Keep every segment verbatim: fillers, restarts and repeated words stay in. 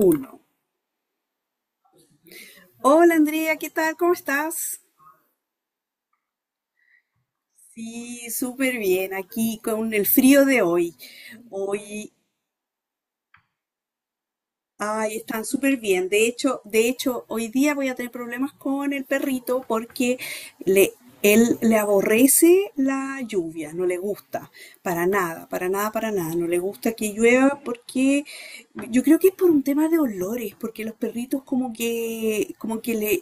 Uno. Hola Andrea, ¿qué tal? ¿Cómo estás? Sí, súper bien. Aquí con el frío de hoy. Hoy, ay, están súper bien. De hecho, de hecho, hoy día voy a tener problemas con el perrito porque le, él le aborrece la lluvia, no le gusta para nada, para nada, para nada. No le gusta que llueva porque yo creo que es por un tema de olores, porque los perritos como que, como que le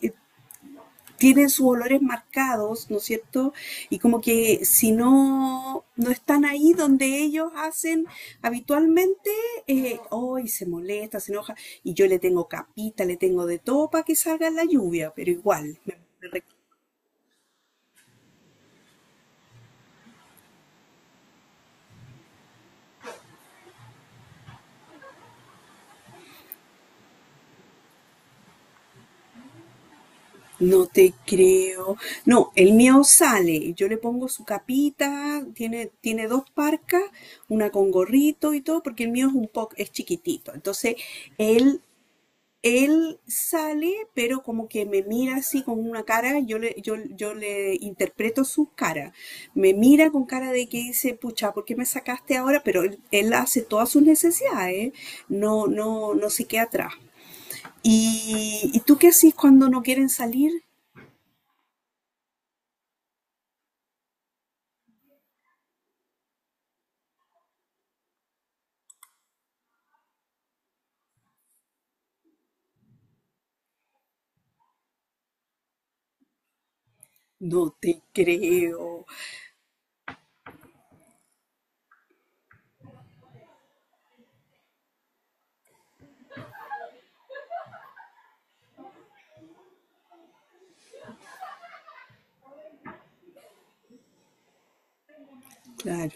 tienen sus olores marcados, ¿no es cierto? Y como que si no, no están ahí donde ellos hacen habitualmente, eh, hoy se molesta, se enoja, y yo le tengo capita, le tengo de todo para que salga en la lluvia, pero igual, me- me re- no te creo. No, el mío sale, yo le pongo su capita, tiene, tiene dos parcas, una con gorrito y todo, porque el mío es un poco, es chiquitito. Entonces, él él sale, pero como que me mira así con una cara, yo le, yo, yo le interpreto su cara. Me mira con cara de que dice, pucha, ¿por qué me sacaste ahora? Pero él, él hace todas sus necesidades, no, no, no se queda atrás. ¿Y, ¿y tú qué haces cuando no quieren salir? No te creo. Claro.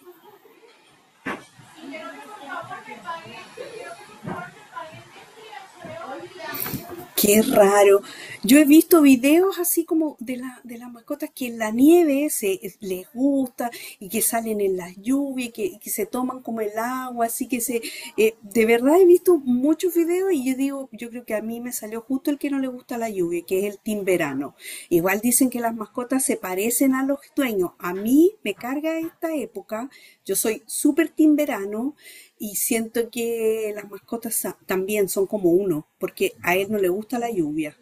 Qué raro. Yo he visto videos así como de, la, de las mascotas que en la nieve se les gusta y que salen en las lluvias, que, que se toman como el agua, así que se... eh, de verdad he visto muchos videos y yo digo, yo creo que a mí me salió justo el que que no le gusta la lluvia, que es el timberano. Igual dicen que las mascotas se parecen a los dueños. A mí me carga esta época. Yo soy súper timberano y siento que las mascotas sa- también son como uno, porque a él no le gusta la lluvia.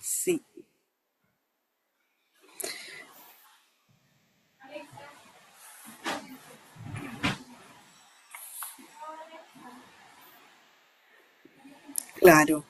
Sí, claro.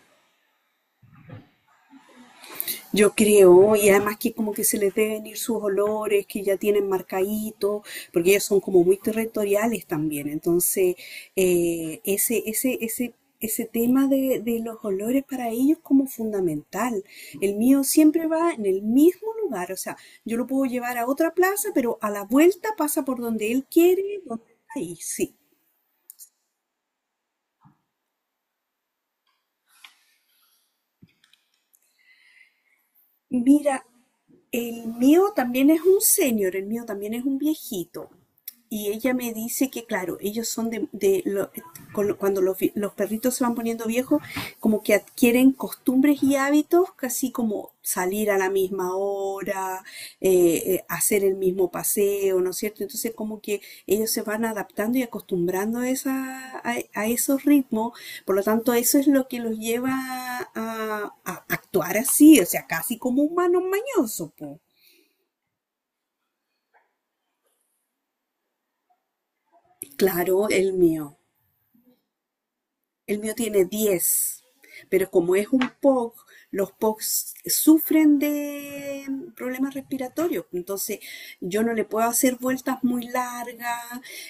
Yo creo, y además que como que se les deben ir sus olores, que ya tienen marcaditos, porque ellos son como muy territoriales también. Entonces, eh, ese, ese, ese, ese tema de, de los olores para ellos como fundamental. El mío siempre va en el mismo lugar, o sea, yo lo puedo llevar a otra plaza, pero a la vuelta pasa por donde él quiere, donde está ahí, sí. Mira, el mío también es un señor, el mío también es un viejito. Y ella me dice que, claro, ellos son de, de lo- cuando los, los perritos se van poniendo viejos, como que adquieren costumbres y hábitos, casi como salir a la misma hora, eh, eh, hacer el mismo paseo, ¿no es cierto? Entonces, como que ellos se van adaptando y acostumbrando a, esa, a, a esos ritmos, por lo tanto, eso es lo que los lleva a, a actuar así, o sea, casi como humanos mañosos, po. Claro, el mío. El mío tiene diez, pero como es un POC, los POCs sufren de problemas respiratorios, entonces yo no le puedo hacer vueltas muy largas,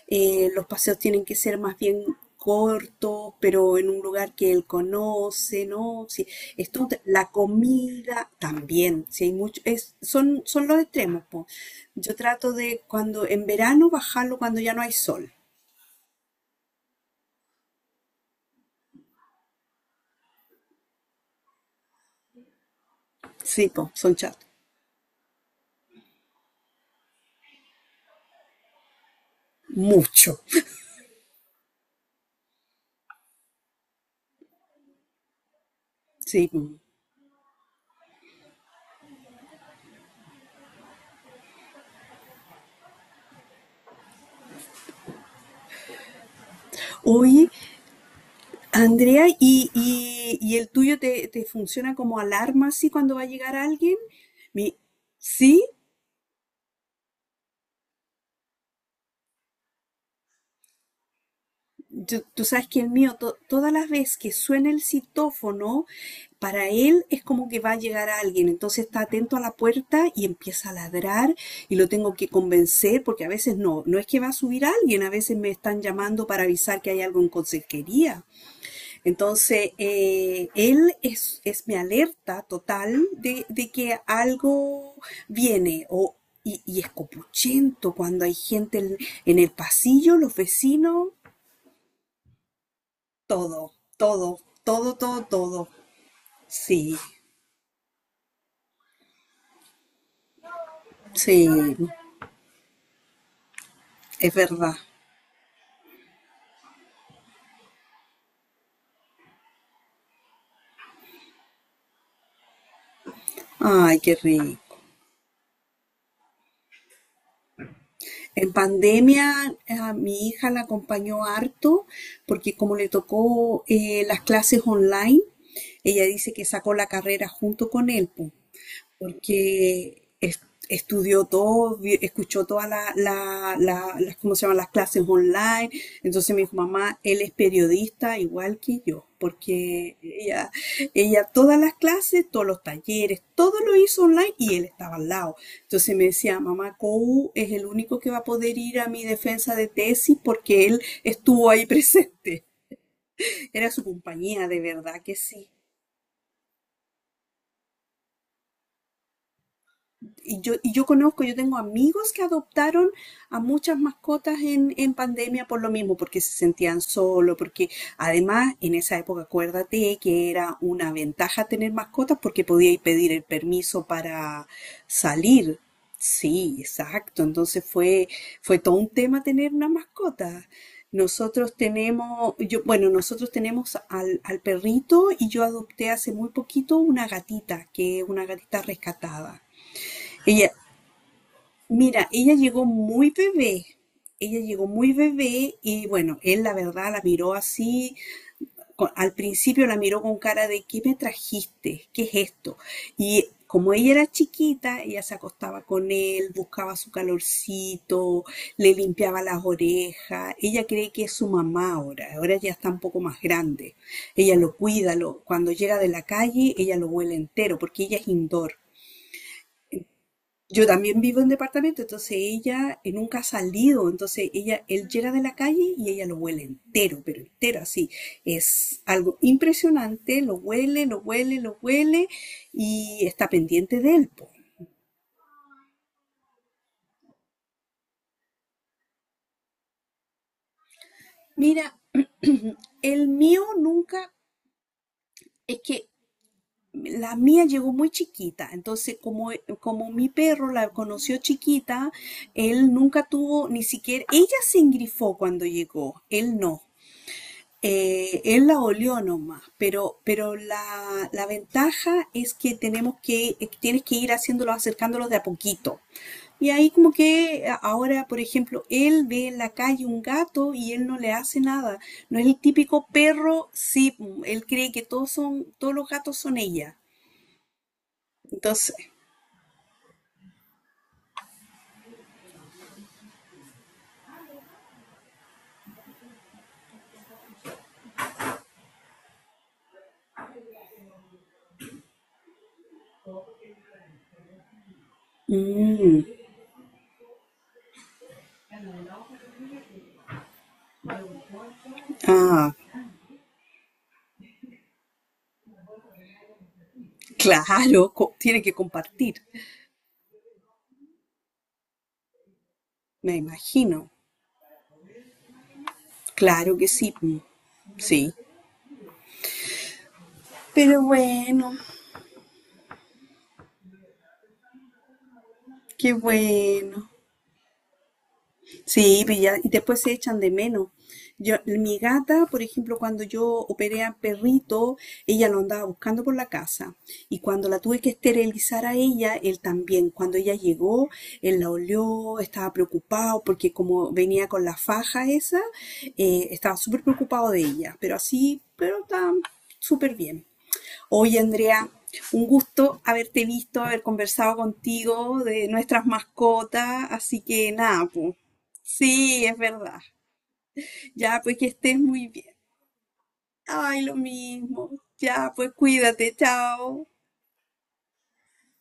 eh, los paseos tienen que ser más bien cortos, pero en un lugar que él conoce, ¿no? Sí, esto, la comida también, si hay mucho, es, son, son los extremos, po. Yo trato de cuando en verano bajarlo cuando ya no hay sol. Sí, po, son chatos. Mucho. Sí, po. Oye, Andrea, ¿y, y- y el tuyo te, te funciona como alarma así cuando va a llegar alguien? Mi, sí, yo- tú sabes que el mío, to- todas las veces que suena el citófono, para él es como que va a llegar alguien. Entonces está atento a la puerta y empieza a ladrar y lo tengo que convencer porque a veces no, no es que va a subir alguien, a veces me están llamando para avisar que hay algo en consejería. Entonces, eh, él es, es mi alerta total de, de que algo viene o, y, y es copuchento cuando hay gente en, en el pasillo, los vecinos, todo, todo, todo, todo, todo. Sí, sí, es verdad. Ay, qué rico. En pandemia eh, a mi hija la acompañó harto porque como le tocó eh, las clases online, ella dice que sacó la carrera junto con él, po. porque es- estudió todo, vi- escuchó todas la- la- la- las, ¿cómo se llaman? Las clases online. Entonces me dijo, mamá, él es periodista igual que yo, porque ella, ella todas las clases, todos los talleres, todo lo hizo online y él estaba al lado. Entonces me decía, mamá, Kou es el único que va a poder ir a mi defensa de tesis porque él estuvo ahí presente. Era su compañía, de verdad que sí. Y yo, y yo conozco, yo tengo amigos que adoptaron a muchas mascotas en, en pandemia por lo mismo, porque se sentían solo, porque además en esa época acuérdate que era una ventaja tener mascotas porque podíais pedir el permiso para salir. Sí, exacto. Entonces fue, fue todo un tema tener una mascota. Nosotros tenemos, yo, bueno, nosotros tenemos al, al perrito y yo adopté hace muy poquito una gatita, que es una gatita rescatada. Ella, Mira, ella llegó muy bebé. Ella llegó muy bebé y bueno, él la verdad la miró así, co- al principio la miró con cara de ¿qué me trajiste? ¿Qué es esto? Y como ella era chiquita, ella se acostaba con él, buscaba su calorcito, le limpiaba las orejas. Ella cree que es su mamá ahora, ahora ya está un poco más grande. Ella lo cuida, lo- cuando llega de la calle, ella lo huele entero porque ella es indoor. Yo también vivo en departamento, entonces ella eh, nunca ha salido, entonces ella, él llega de la calle y ella lo huele entero, pero entero así. Es algo impresionante, lo huele, lo huele, lo huele y está pendiente de él, po. Mira, el mío nunca, es que la mía llegó muy chiquita, entonces como, como mi perro la conoció chiquita, él nunca tuvo ni siquiera, ella se engrifó cuando llegó, él no. Eh, él la olió nomás, pero, pero la, la ventaja es que tenemos que, eh, tienes que ir haciéndolos, acercándolos de a poquito. Y ahí como que a- ahora, por ejemplo, él ve en la calle un gato y él no le hace nada. No es el típico perro, sí, mm, él cree que todos son, todos los gatos son ella. Entonces, mm, ah, claro, co- tiene que compartir, me imagino. Claro que sí, mm, sí. Pero bueno. Qué bueno. Sí, pues ya- y después se echan de menos. Yo, mi gata, por ejemplo, cuando yo operé a perrito, ella lo andaba buscando por la casa. Y cuando la tuve que esterilizar a ella, él también. Cuando ella llegó, él la olió, estaba preocupado porque como venía con la faja esa, eh, estaba súper preocupado de ella. Pero así, pero está súper bien. Oye, Andrea, un gusto haberte visto, haber conversado contigo de nuestras mascotas, así que nada, pues. Sí, es verdad. Ya, pues que estés muy bien. Ay, lo mismo. Ya, pues cuídate, chao.